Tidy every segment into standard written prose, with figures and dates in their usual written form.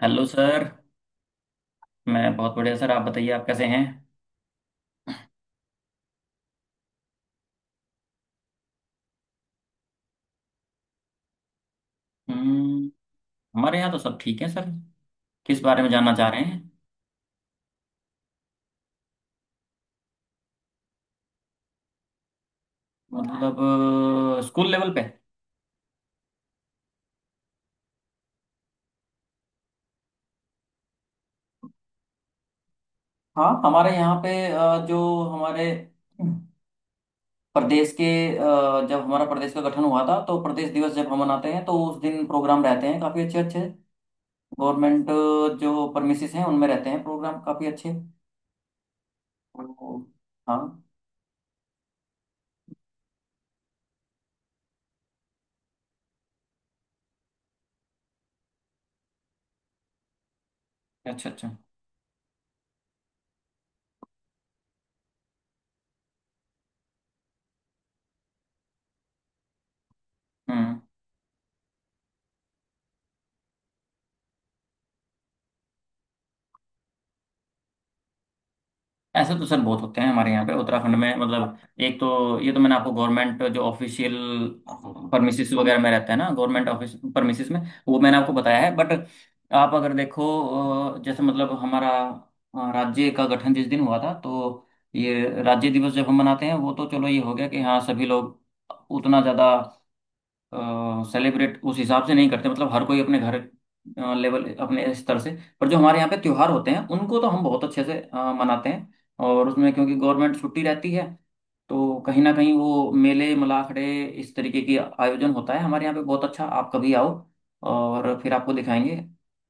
Hello sir. मैं बहुत बढ़िया सर। आप बताइए, आप कैसे हैं? हम्म। हमारे यहाँ तो सब ठीक है सर। किस बारे में जानना चाह रहे हैं? मतलब स्कूल लेवल पे। हाँ, हमारे यहाँ पे जो हमारे प्रदेश के जब हमारा प्रदेश का गठन हुआ था तो प्रदेश दिवस जब हम मनाते हैं तो उस दिन प्रोग्राम रहते हैं काफ़ी अच्छे अच्छे। गवर्नमेंट जो परमिसेस हैं उनमें रहते हैं प्रोग्राम काफ़ी अच्छे। तो। हाँ। अच्छा, अच्छा। हम्म। ऐसे तो सर बहुत होते हैं हमारे यहाँ पे उत्तराखंड में। मतलब एक तो ये तो मैंने आपको गवर्नमेंट जो ऑफिशियल परमिसेस वगैरह में रहता है ना, गवर्नमेंट ऑफिस परमिसेस में, वो मैंने आपको बताया है। बट आप अगर देखो जैसे मतलब हमारा राज्य का गठन जिस दिन हुआ था, तो ये राज्य दिवस जब हम मनाते हैं वो तो चलो ये हो गया कि हाँ सभी लोग उतना ज़्यादा सेलिब्रेट उस हिसाब से नहीं करते। मतलब हर कोई अपने घर लेवल, अपने स्तर से। पर जो हमारे यहाँ पे त्योहार होते हैं उनको तो हम बहुत अच्छे से मनाते हैं। और उसमें क्योंकि गवर्नमेंट छुट्टी रहती है तो कहीं ना कहीं वो मेले मलाखड़े, इस तरीके की आयोजन होता है हमारे यहाँ पे बहुत अच्छा। आप कभी आओ और फिर आपको दिखाएंगे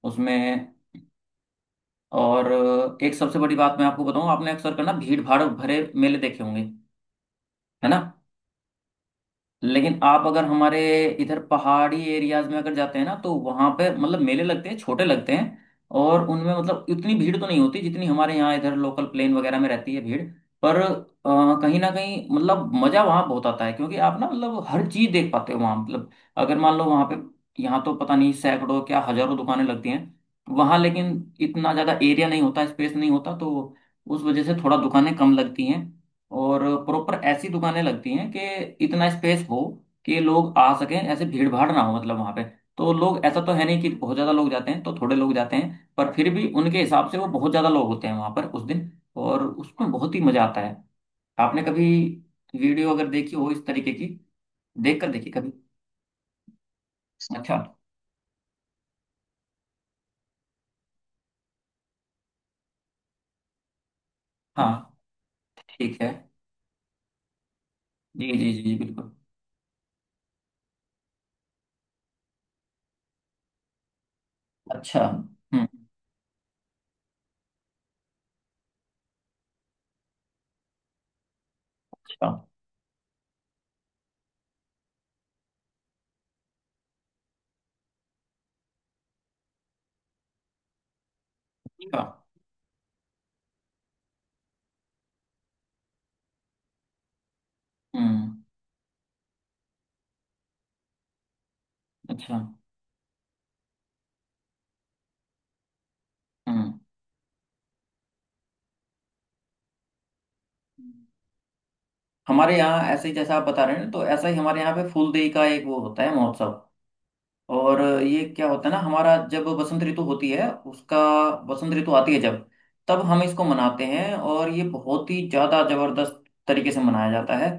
उसमें। और एक सबसे बड़ी बात मैं आपको बताऊं, आपने अक्सर करना भीड़ भाड़ भरे मेले देखे होंगे, है ना? लेकिन आप अगर हमारे इधर पहाड़ी एरियाज में अगर जाते हैं ना तो वहां पे मतलब मेले लगते हैं, छोटे लगते हैं। और उनमें मतलब इतनी भीड़ तो नहीं होती जितनी हमारे यहाँ इधर लोकल प्लेन वगैरह में रहती है भीड़। पर कहीं ना कहीं मतलब मजा वहाँ बहुत आता है, क्योंकि आप ना मतलब हर चीज देख पाते हो वहाँ। मतलब अगर मान लो वहाँ पे, यहाँ तो पता नहीं सैकड़ों क्या हजारों दुकानें लगती हैं, वहाँ लेकिन इतना ज्यादा एरिया नहीं होता, स्पेस नहीं होता, तो उस वजह से थोड़ा दुकानें कम लगती हैं। और प्रॉपर ऐसी दुकानें लगती हैं कि इतना स्पेस हो कि लोग आ सकें, ऐसे भीड़ भाड़ ना हो मतलब वहां पे। तो लोग ऐसा तो है नहीं कि बहुत ज्यादा लोग जाते हैं, तो थोड़े लोग जाते हैं पर फिर भी उनके हिसाब से वो बहुत ज्यादा लोग होते हैं वहां पर उस दिन। और उसमें बहुत ही मजा आता है। आपने कभी वीडियो अगर देखी हो इस तरीके की? देख कर देखी कभी। अच्छा। हाँ, ठीक है। जी जी जी जी, बिल्कुल। अच्छा। हम्म। अच्छा, अच्छा। हम्म। अच्छा। हम्म। हमारे यहाँ ऐसे ही जैसा आप बता रहे हैं ना, तो ऐसा ही हमारे यहाँ पे फूलदेई का एक वो होता है महोत्सव। और ये क्या होता है ना, हमारा जब बसंत ऋतु होती है उसका, बसंत ऋतु आती है जब, तब हम इसको मनाते हैं और ये बहुत ही ज्यादा जबरदस्त तरीके से मनाया जाता है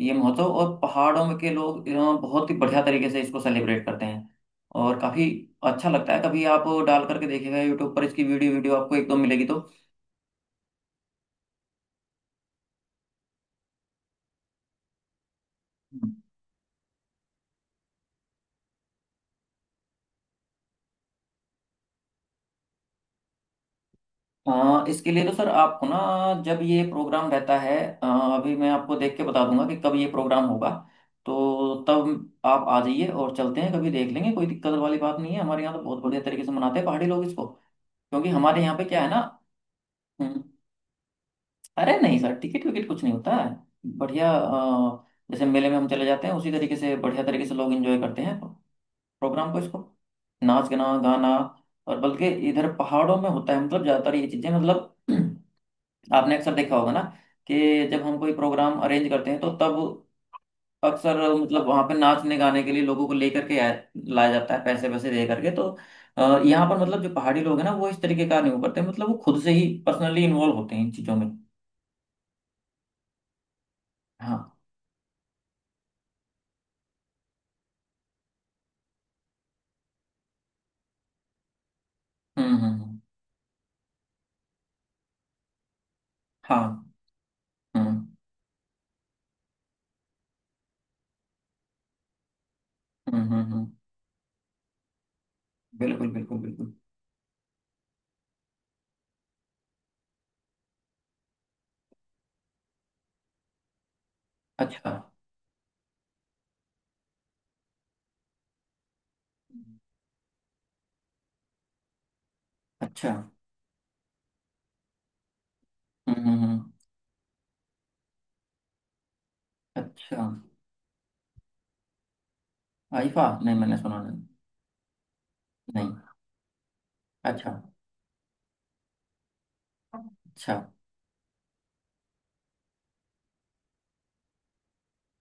ये महोत्सव। और पहाड़ों में के लोग बहुत ही बढ़िया तरीके से इसको सेलिब्रेट करते हैं और काफी अच्छा लगता है। कभी आप डाल करके देखिएगा यूट्यूब पर इसकी वीडियो, वीडियो आपको एक दो मिलेगी तो। हाँ, इसके लिए तो सर आपको ना, जब ये प्रोग्राम रहता है अभी मैं आपको देख के बता दूंगा कि कब ये प्रोग्राम होगा, तो तब आप आ जाइए और चलते हैं कभी देख लेंगे। कोई दिक्कत वाली बात नहीं है। हमारे यहाँ तो बहुत बढ़िया तरीके से मनाते हैं पहाड़ी लोग इसको, क्योंकि हमारे यहाँ पे क्या है ना। हम्म, अरे नहीं सर, टिकट विकट कुछ नहीं होता है। बढ़िया। जैसे मेले में हम चले जाते हैं उसी तरीके से बढ़िया तरीके से लोग एंजॉय करते हैं प्रोग्राम को, इसको। नाच गाना गाना। और बल्कि इधर पहाड़ों में होता है मतलब ज़्यादातर ये चीज़ें, मतलब आपने अक्सर देखा होगा ना कि जब हम कोई प्रोग्राम अरेंज करते हैं तो तब अक्सर मतलब वहां पे नाचने गाने के लिए लोगों को लेकर के लाया जाता है पैसे वैसे दे करके, तो यहाँ पर मतलब जो पहाड़ी लोग हैं ना वो इस तरीके का नहीं करते, मतलब वो खुद से ही पर्सनली इन्वॉल्व होते हैं इन चीजों में। हाँ। हम्म। हाँ। हम्म हम्म। बिल्कुल बिल्कुल बिल्कुल। अच्छा, अच्छा। हम्म। अच्छा। आईफा? नहीं, मैंने सुना नहीं। नहीं। अच्छा, अच्छा।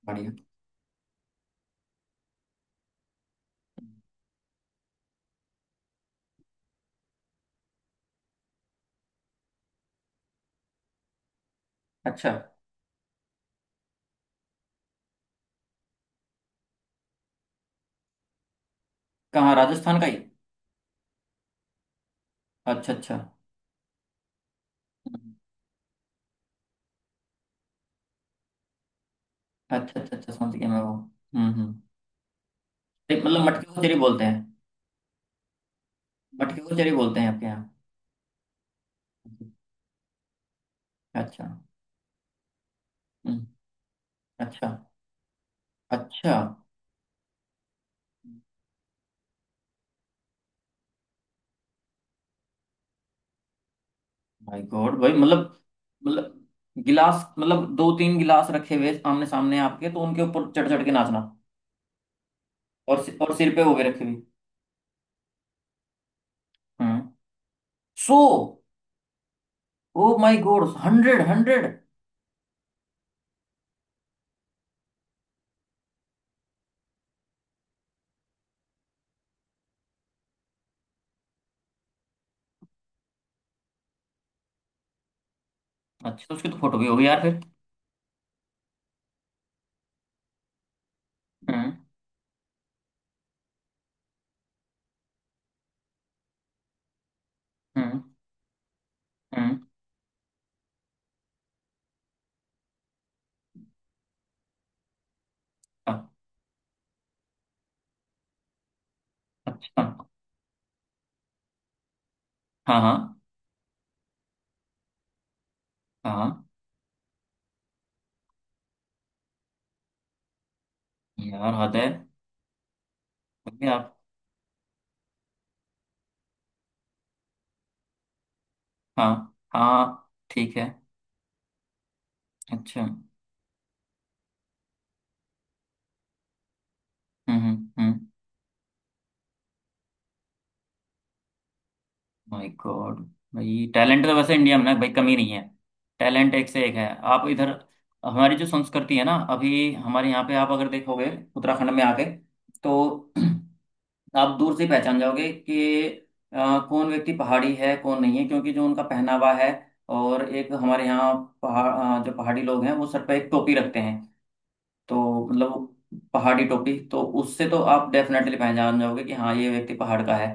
बढ़िया। अच्छा, कहाँ? राजस्थान का ही? अच्छा, अच्छा, अच्छा। अच्छा, अच्छा, समझ गया मैं वो। हम्म। नहीं, मतलब मटके को चरी बोलते हैं? मटके को चरी बोलते हैं आपके यहाँ? अच्छा। हम्म। अच्छा, अच्छा। माय गॉड भाई, मतलब गिलास, मतलब दो तीन गिलास रखे हुए आमने सामने आपके, तो उनके ऊपर चढ़ चढ़ के नाचना। और और सिर पे हो गए रखे हुए। हम्म। So, oh my god, hundred hundred! अच्छा, तो उसकी तो फोटो भी होगी यार फिर। हम्म हम्म हम्म। अ- अच्छा। हाँ हाँ हाँ, यार हद है। अभी आप... हाँ हाँ, ठीक है। अच्छा। हम्म। My god. भाई टैलेंट तो वैसे इंडिया में ना भाई कमी नहीं है। टैलेंट एक से एक है। आप इधर, हमारी जो संस्कृति है ना, अभी हमारे यहाँ पे आप अगर देखोगे उत्तराखंड में आके तो आप दूर से ही पहचान जाओगे कि कौन व्यक्ति पहाड़ी है, कौन नहीं है, क्योंकि जो उनका पहनावा है। और एक हमारे यहाँ पहाड़ जो पहाड़ी लोग हैं वो सर पे एक टोपी रखते हैं, तो मतलब वो पहाड़ी टोपी तो उससे तो आप डेफिनेटली पहचान जाओगे कि हाँ ये व्यक्ति पहाड़ का है।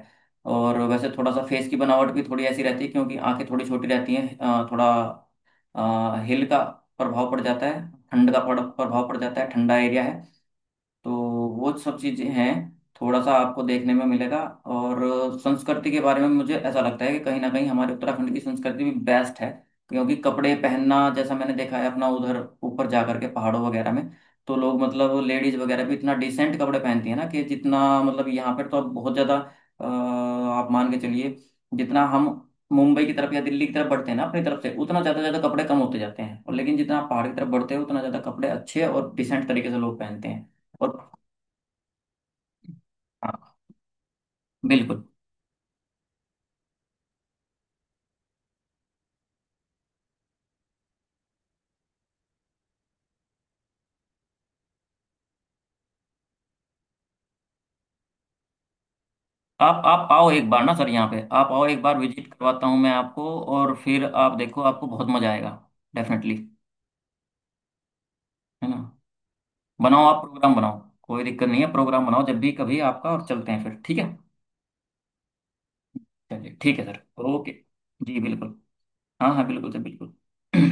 और वैसे थोड़ा सा फेस की बनावट भी थोड़ी ऐसी रहती है, क्योंकि आंखें थोड़ी छोटी रहती हैं। थोड़ा हिल का प्रभाव पड़ जाता है, ठंड का प्रभाव पड़ जाता है, ठंडा एरिया है। तो वो सब चीज़ें हैं, थोड़ा सा आपको देखने में मिलेगा। और संस्कृति के बारे में मुझे ऐसा लगता है कि कहीं ना कहीं हमारे उत्तराखंड की संस्कृति भी बेस्ट है, क्योंकि कपड़े पहनना जैसा मैंने देखा है अपना उधर ऊपर जाकर के पहाड़ों वगैरह में, तो लोग मतलब लेडीज वगैरह भी इतना डिसेंट कपड़े पहनती है ना, कि जितना मतलब यहाँ पर तो अब बहुत ज़्यादा। आप मान के चलिए, जितना हम मुंबई की तरफ या दिल्ली की तरफ बढ़ते हैं ना अपनी तरफ से, उतना ज़्यादा ज़्यादा कपड़े कम होते जाते हैं। और लेकिन जितना आप पहाड़ की तरफ बढ़ते हो उतना ज़्यादा कपड़े अच्छे और डिसेंट तरीके से लोग पहनते हैं। और हाँ, बिल्कुल। आप आओ एक बार ना सर, यहाँ पे आप आओ एक बार, विजिट करवाता हूँ मैं आपको। और फिर आप देखो, आपको बहुत मजा आएगा डेफिनेटली, है ना? बनाओ, आप प्रोग्राम बनाओ, कोई दिक्कत नहीं है, प्रोग्राम बनाओ जब भी कभी आपका और चलते हैं फिर, ठीक है? चलिए, ठीक है सर। ओके। जी बिल्कुल। हाँ हाँ बिल्कुल सर, बिल्कुल।